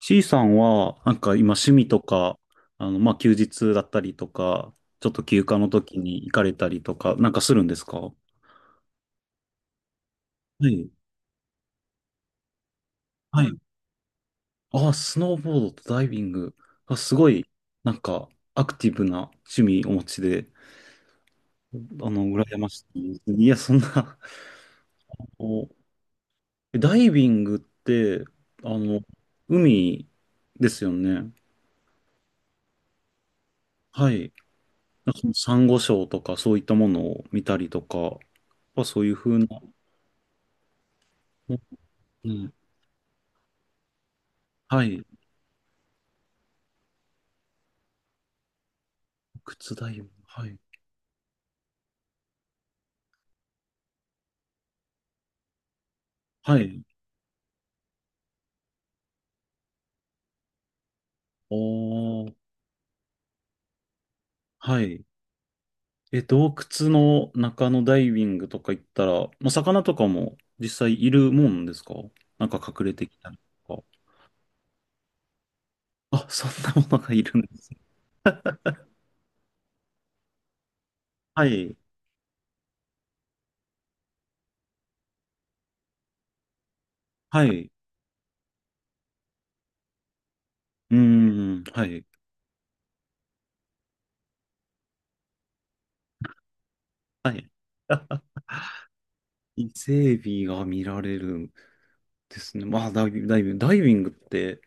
C さんは、なんか今趣味とか、あの、まあ、休日だったりとか、ちょっと休暇の時に行かれたりとか、なんかするんですか？はい。はい。ああ、スノーボードとダイビング。あ、すごい、なんか、アクティブな趣味お持ちで、あの、羨ましい。いや、そんな お、ダイビングって、あの、海ですよね。はい。なんかそのサンゴ礁とかそういったものを見たりとか、まあ、そういう風な、うん、はい。靴だよ。はい。はい。おー。はい。え、洞窟の中のダイビングとか行ったら、まあ、魚とかも実際いるもんですか？なんか隠れてきたりとか。あ、そんなものがいるんです。はい。はい。うーん。はい。はい。伊勢海が見られるんですね。まあ、ダイビングって、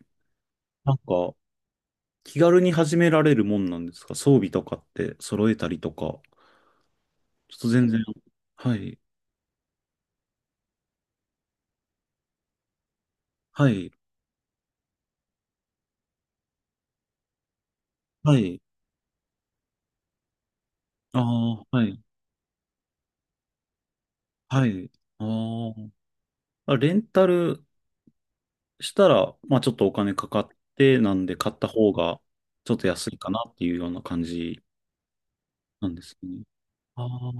なんか、気軽に始められるもんなんですか？装備とかって揃えたりとか。ちょっと全然。はい。はい。はい。ああ、はい。はい。ああ。レンタルしたら、まあちょっとお金かかって、なんで買った方がちょっと安いかなっていうような感じなんですね。ああ、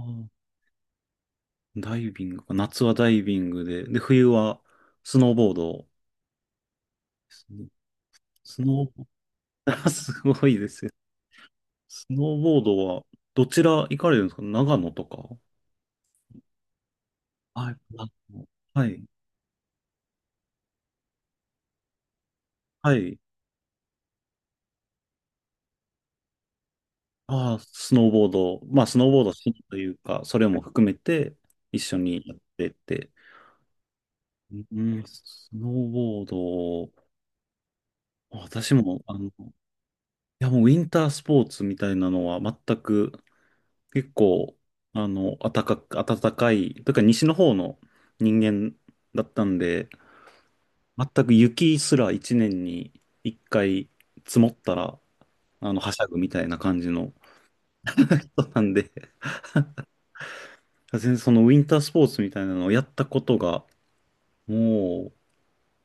ダイビングか。夏はダイビングで、で、冬はスノーボードですね。スノーボード、すごいですよ。スノーボードはどちら行かれるんですか？長野とか。はい。長野、はい。はい。ああ、スノーボード、まあ、スノーボード趣味というか、それも含めて一緒にやってて、うん、スノーボード、私も、あの、いや、もうウィンタースポーツみたいなのは全く、結構、あの、暖かい、というか西の方の人間だったんで、全く雪すら一年に一回積もったら、あの、はしゃぐみたいな感じの人なんで、全然そのウィンタースポーツみたいなのをやったことが、もう、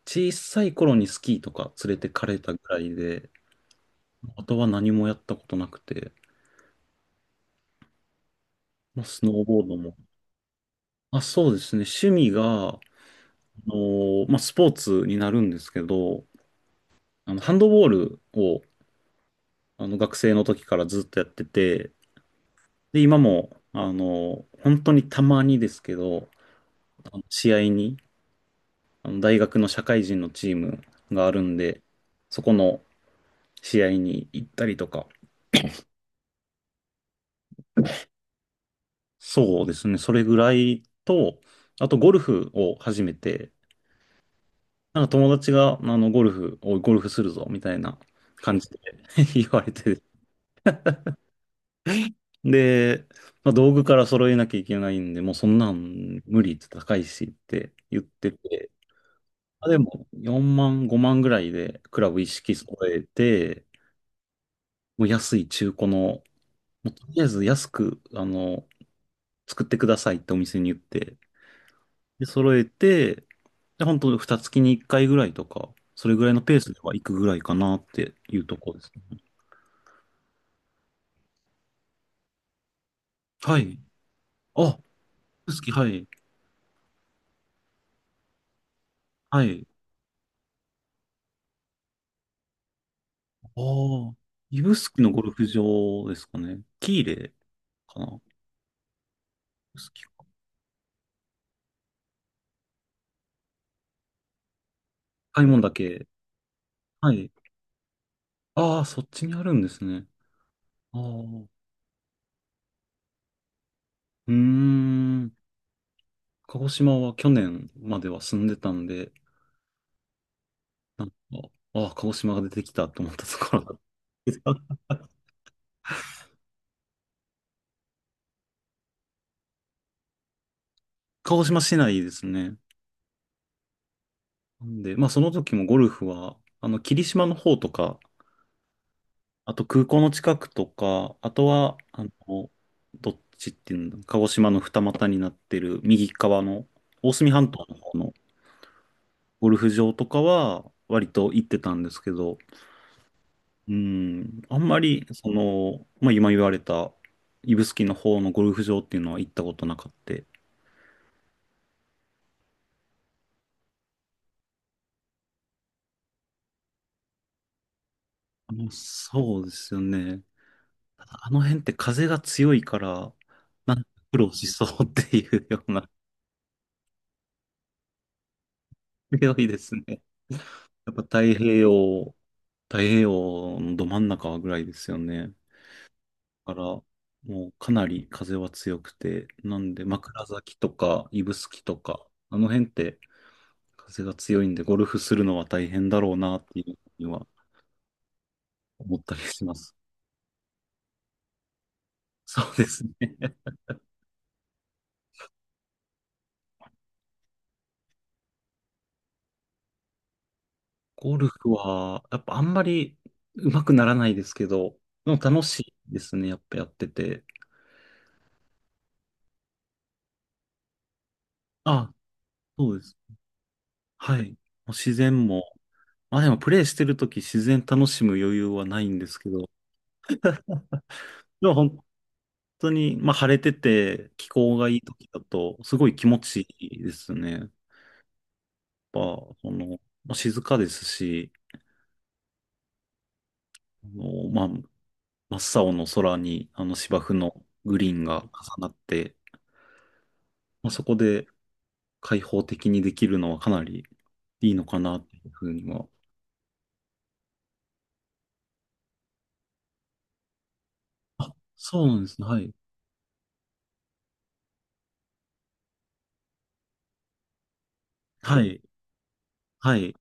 小さい頃にスキーとか連れてかれたぐらいで、あとは何もやったことなくて、まあ、スノーボードも。あ、そうですね。趣味が、のまあ、スポーツになるんですけど、あの、ハンドボールを、あの、学生の時からずっとやってて、で、今も、本当にたまにですけど、あの試合に、あの、大学の社会人のチームがあるんで、そこの試合に行ったりとか、そうですね。それぐらいと、あとゴルフを始めて、なんか友達が、あの、ゴルフ、おい、ゴルフするぞ、みたいな感じで 言われて。で、まあ、道具から揃えなきゃいけないんで、もうそんなん無理って高いしって言ってて、まあ、でも4万、5万ぐらいでクラブ一式揃えて、もう安い中古の、もうとりあえず安く、あの、作ってくださいってお店に言って、で、揃えて、で、本当二月に一回ぐらいとか、それぐらいのペースでは行くぐらいかなっていうところですね。はい。あ、指宿、はい。はい。ああ、指宿のゴルフ場ですかね。喜入かな。指宿か。買い物だけ。はい。ああ、そっちにあるんですね。ああ、うーん。鹿児島は去年までは住んでたんで、なんか、ああ、鹿児島が出てきたと思ったところだ。鹿児島市内ですね。なんで、まあその時もゴルフは、あの、霧島の方とか、あと空港の近くとか、あとは、あの、どっちっていうの、鹿児島の二股になってる右側の大隅半島の方のゴルフ場とかは割と行ってたんですけど、うん、あんまり、その、まあ今言われた指宿の方のゴルフ場っていうのは行ったことなかった。あの、そうですよね。ただあの辺って風が強いから、なんか苦労しそうっていうような、広いですね。やっぱ太平洋、太平洋のど真ん中ぐらいですよね。だから、もうかなり風は強くて、なんで枕崎とか指宿とか、あの辺って風が強いんで、ゴルフするのは大変だろうなっていうふうには思ったりします。そうですね。ゴルフは、やっぱあんまり上手くならないですけど、でも楽しいですね、やっぱやってて。あ、そうです。はい。もう自然も、まあでもプレイしてるとき自然楽しむ余裕はないんですけど、でも本当に、まあ晴れてて気候がいいときだとすごい気持ちいいですね。やっぱ、その、まあ静かですし、あの、まあ真っ青の空にあの芝生のグリーンが重なって、まあ、そこで開放的にできるのはかなりいいのかなっていうふうには。そうなんですね。はい。はい。はい。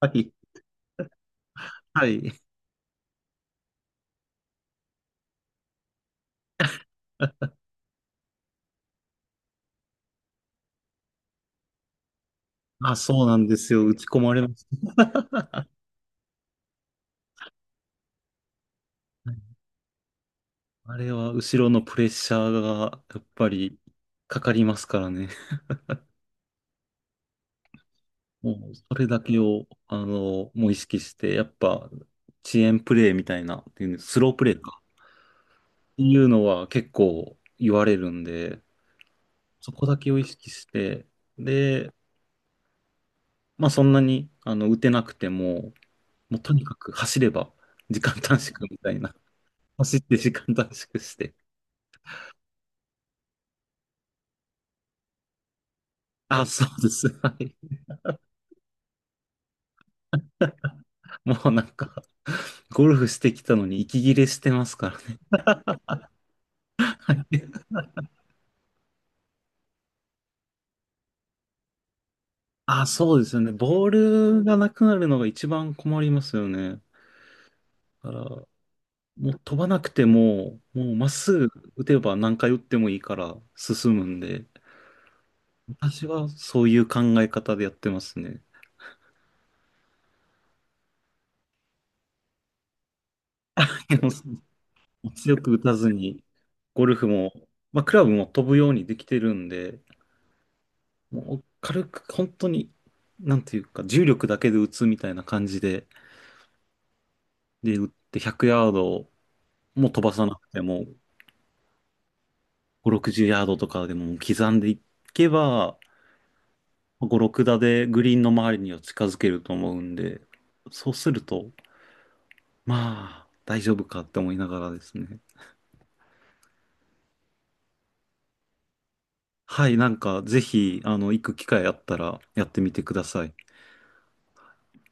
はい。はい。あ、そうなんですよ。打ち込まれます。あれは後ろのプレッシャーがやっぱりかかりますからね。もうそれだけを、あの、もう意識して、やっぱ遅延プレイみたいな、っていうスロープレイか。っていうのは結構言われるんで、そこだけを意識して、で、まあそんなにあの打てなくても、もうとにかく走れば時間短縮みたいな。走って時間短縮して。あ、そうです。はい。もうなんか、ゴルフしてきたのに息切れしてますからね。あ、そうですよね。ボールがなくなるのが一番困りますよね。だから、もう飛ばなくても、もうまっすぐ打てば何回打ってもいいから進むんで、私はそういう考え方でやってますね。でも強く打たずに、ゴルフも、まあ、クラブも飛ぶようにできてるんで、もう軽く本当に、なんていうか、重力だけで打つみたいな感じで、で、打って100ヤードも飛ばさなくても、5、60ヤードとかでも刻んでいけば、5、6打でグリーンの周りには近づけると思うんで、そうすると、まあ、大丈夫かって思いながらですね。はい、なんか、ぜひ、あの、行く機会あったらやってみてください。